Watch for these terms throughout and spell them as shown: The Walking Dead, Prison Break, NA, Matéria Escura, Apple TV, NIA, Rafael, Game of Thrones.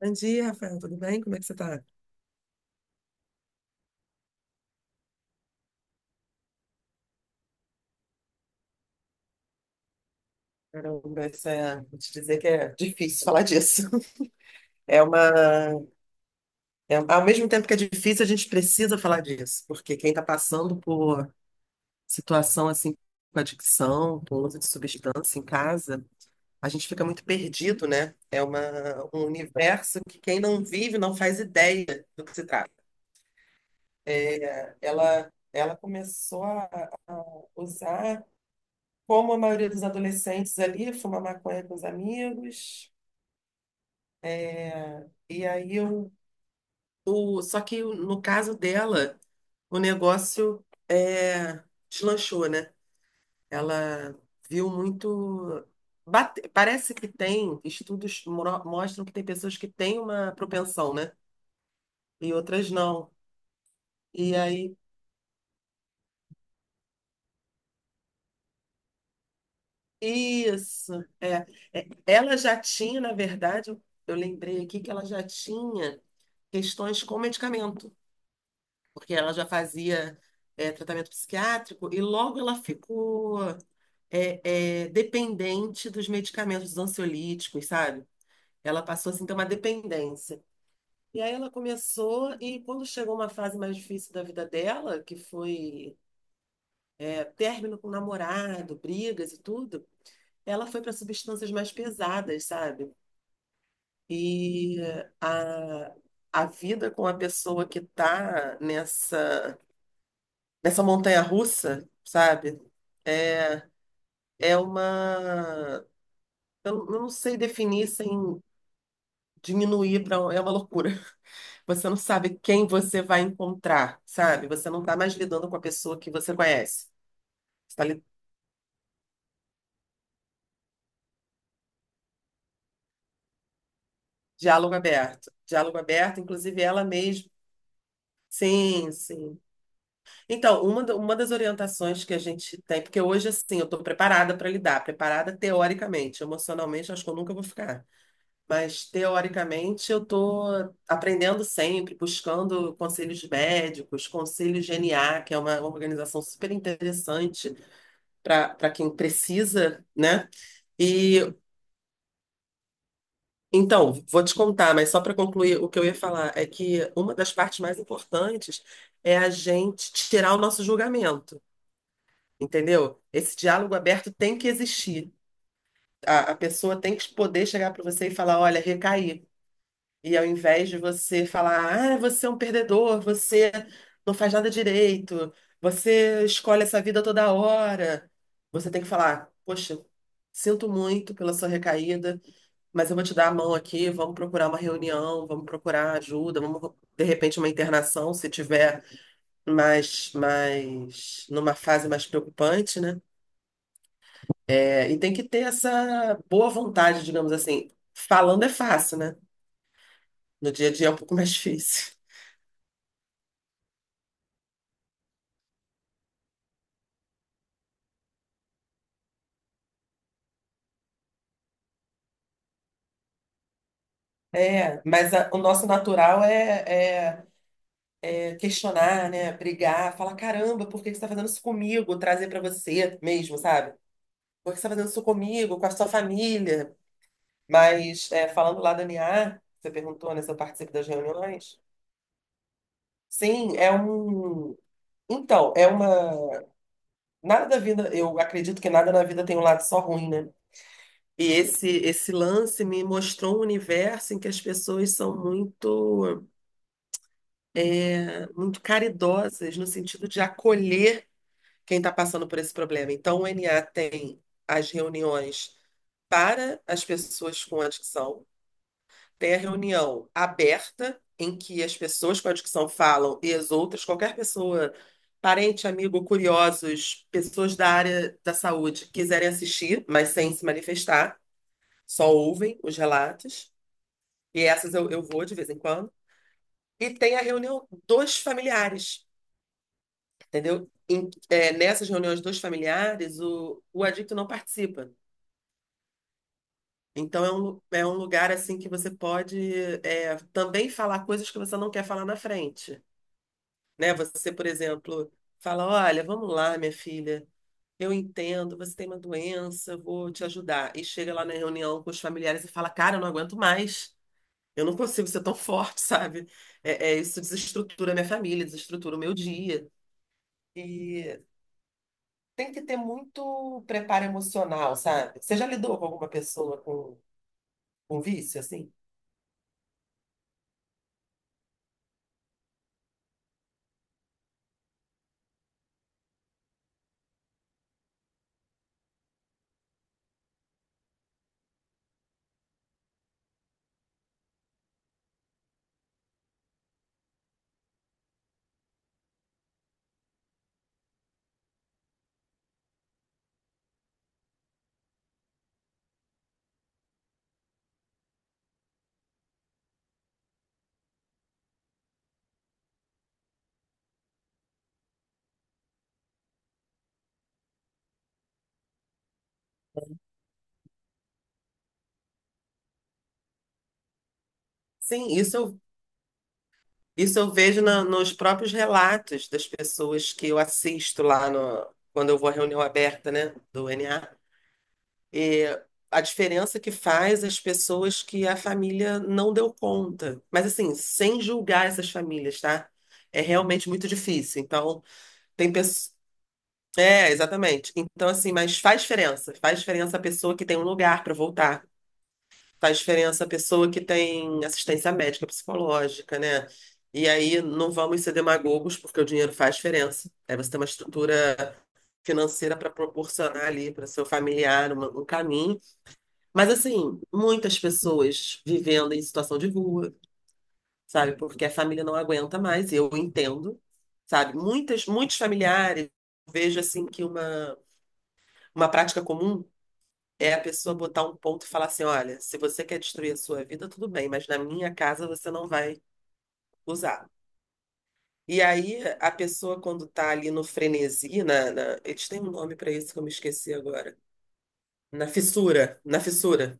Bom dia, Rafael. Tudo bem? Como é que você está? Caramba, isso é, vou te dizer que é difícil falar disso. É uma, ao mesmo tempo que é difícil, a gente precisa falar disso, porque quem está passando por situação assim com adicção, com uso de substância em casa, a gente fica muito perdido, né? Um universo que quem não vive não faz ideia do que se trata. Ela começou a usar. Como a maioria dos adolescentes ali, fuma maconha com os amigos. E aí, só que no caso dela, o negócio é, deslanchou, né? Ela viu muito. Parece que tem, estudos mostram que tem pessoas que têm uma propensão, né? E outras não. E aí, isso. É, Ela já tinha, na verdade, eu lembrei aqui que ela já tinha questões com medicamento. Porque ela já fazia tratamento psiquiátrico e logo ela ficou dependente dos medicamentos dos ansiolíticos, sabe? Ela passou assim, a ter uma dependência. E aí ela começou, e quando chegou uma fase mais difícil da vida dela, que foi término com o namorado, brigas e tudo, ela foi para substâncias mais pesadas, sabe? E a, a vida com a pessoa que está nessa Essa montanha-russa, sabe? É, é uma. Eu não sei definir sem diminuir para. É uma loucura. Você não sabe quem você vai encontrar, sabe? Você não está mais lidando com a pessoa que você conhece. Está ali, diálogo aberto. Diálogo aberto, inclusive ela mesma. Sim, sim. Então, uma das orientações que a gente tem, porque hoje, assim, eu estou preparada para lidar, preparada teoricamente, emocionalmente, acho que eu nunca vou ficar. Mas, teoricamente, eu estou aprendendo sempre, buscando conselhos médicos, conselho GNA, que é uma organização super interessante para quem precisa, né? E então, vou te contar, mas só para concluir, o que eu ia falar é que uma das partes mais importantes é a gente tirar o nosso julgamento, entendeu? Esse diálogo aberto tem que existir. A pessoa tem que poder chegar para você e falar: olha, recaí. E ao invés de você falar, ah, você é um perdedor, você não faz nada direito, você escolhe essa vida toda hora, você tem que falar, poxa, sinto muito pela sua recaída, mas eu vou te dar a mão aqui, vamos procurar uma reunião, vamos procurar ajuda, vamos, de repente, uma internação, se tiver numa fase mais preocupante, né? E tem que ter essa boa vontade, digamos assim. Falando é fácil, né? No dia a dia é um pouco mais difícil. Mas o nosso natural é questionar, né? Brigar, falar, caramba, por que que você está fazendo isso comigo? Trazer para você mesmo, sabe? Por que você está fazendo isso comigo, com a sua família? Mas falando lá da NIA, você perguntou, né, se eu participo das reuniões. Sim, é um. Então, é uma. Nada da vida, eu acredito que nada na vida tem um lado só ruim, né? E esse lance me mostrou um universo em que as pessoas são muito caridosas no sentido de acolher quem está passando por esse problema. Então, o NA tem as reuniões para as pessoas com adicção, tem a reunião aberta, em que as pessoas com adicção falam e as outras, qualquer pessoa, parente, amigo, curiosos, pessoas da área da saúde, quiserem assistir, mas sem se manifestar, só ouvem os relatos. E essas eu vou de vez em quando. E tem a reunião dos familiares. Entendeu? Nessas reuniões dos familiares, o adicto não participa. Então, é um lugar assim que você pode também falar coisas que você não quer falar na frente, né? Você, por exemplo, fala, olha, vamos lá, minha filha, eu entendo, você tem uma doença, eu vou te ajudar. E chega lá na reunião com os familiares e fala, cara, eu não aguento mais, eu não consigo ser tão forte, sabe? Isso desestrutura minha família, desestrutura o meu dia. E tem que ter muito preparo emocional, sabe? Você já lidou com alguma pessoa com, vício, assim? Sim, isso eu vejo nos próprios relatos das pessoas que eu assisto lá no, quando eu vou à reunião aberta, né, do NA. E a diferença que faz as pessoas que a família não deu conta. Mas assim, sem julgar essas famílias, tá? É realmente muito difícil. Então, tem pessoas. É, exatamente. Então, assim, mas faz diferença. Faz diferença a pessoa que tem um lugar para voltar. Faz diferença a pessoa que tem assistência médica, psicológica, né? E aí não vamos ser demagogos, porque o dinheiro faz diferença. Aí você tem uma estrutura financeira para proporcionar ali para seu familiar um caminho. Mas, assim, muitas pessoas vivendo em situação de rua, sabe? Porque a família não aguenta mais, eu entendo, sabe? Muitos familiares, eu vejo assim que uma prática comum é a pessoa botar um ponto e falar assim: olha, se você quer destruir a sua vida, tudo bem, mas na minha casa você não vai usar. E aí a pessoa, quando tá ali no frenesi, eles têm um nome para isso que eu me esqueci agora. Na fissura, na fissura.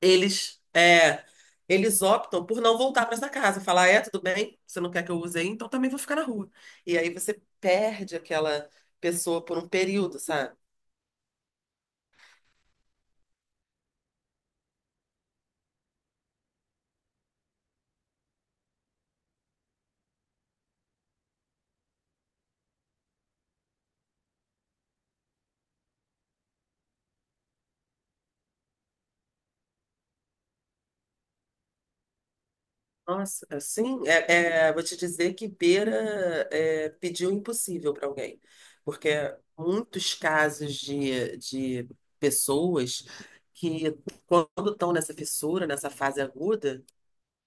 Eles, é, eles optam por não voltar para essa casa, falar: tudo bem, você não quer que eu use aí, então também vou ficar na rua. E aí você perde aquela pessoa por um período, sabe? Nossa, assim, vou te dizer que Beira pediu impossível para alguém, porque muitos casos de pessoas que, quando estão nessa fissura, nessa fase aguda,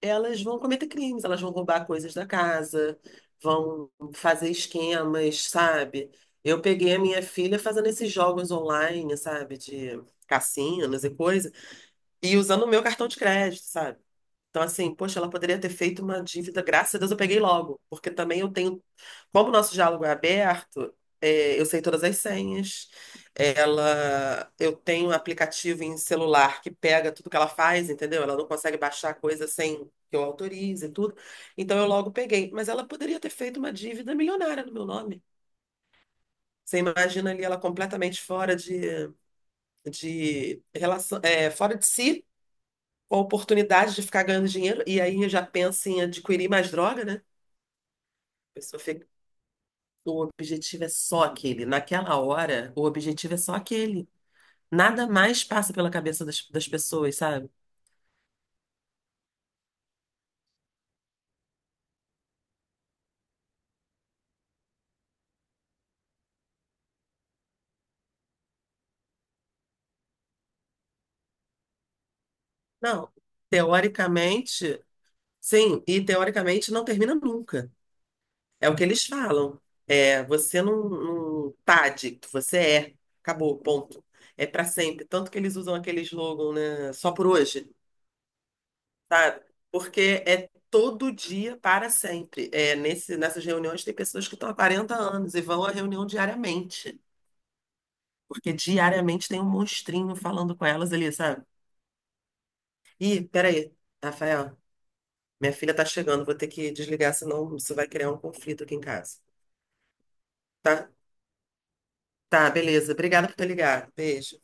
elas vão cometer crimes, elas vão roubar coisas da casa, vão fazer esquemas, sabe? Eu peguei a minha filha fazendo esses jogos online, sabe, de cassinos e coisa, e usando o meu cartão de crédito, sabe? Então, assim, poxa, ela poderia ter feito uma dívida, graças a Deus eu peguei logo, porque também eu tenho. Como o nosso diálogo é aberto, eu sei todas as senhas, eu tenho um aplicativo em celular que pega tudo que ela faz, entendeu? Ela não consegue baixar coisa sem que eu autorize e tudo. Então, eu logo peguei. Mas ela poderia ter feito uma dívida milionária no meu nome. Você imagina ali ela completamente fora de relação, fora de si com a oportunidade de ficar ganhando dinheiro, e aí já pensa em adquirir mais droga, né? A pessoa fica. O objetivo é só aquele. Naquela hora, o objetivo é só aquele. Nada mais passa pela cabeça das pessoas, sabe? Não. Teoricamente, sim, e teoricamente não termina nunca. É o que eles falam. Você não tá adicto, você é. Acabou, ponto. É pra sempre. Tanto que eles usam aquele slogan, né? Só por hoje. Sabe? Porque é todo dia para sempre. Nessas reuniões tem pessoas que estão há 40 anos e vão à reunião diariamente, porque diariamente tem um monstrinho falando com elas ali, sabe? Ih, peraí, Rafael, minha filha tá chegando, vou ter que desligar, senão isso vai criar um conflito aqui em casa, tá? Tá, beleza. Obrigada por ter ligado. Beijo.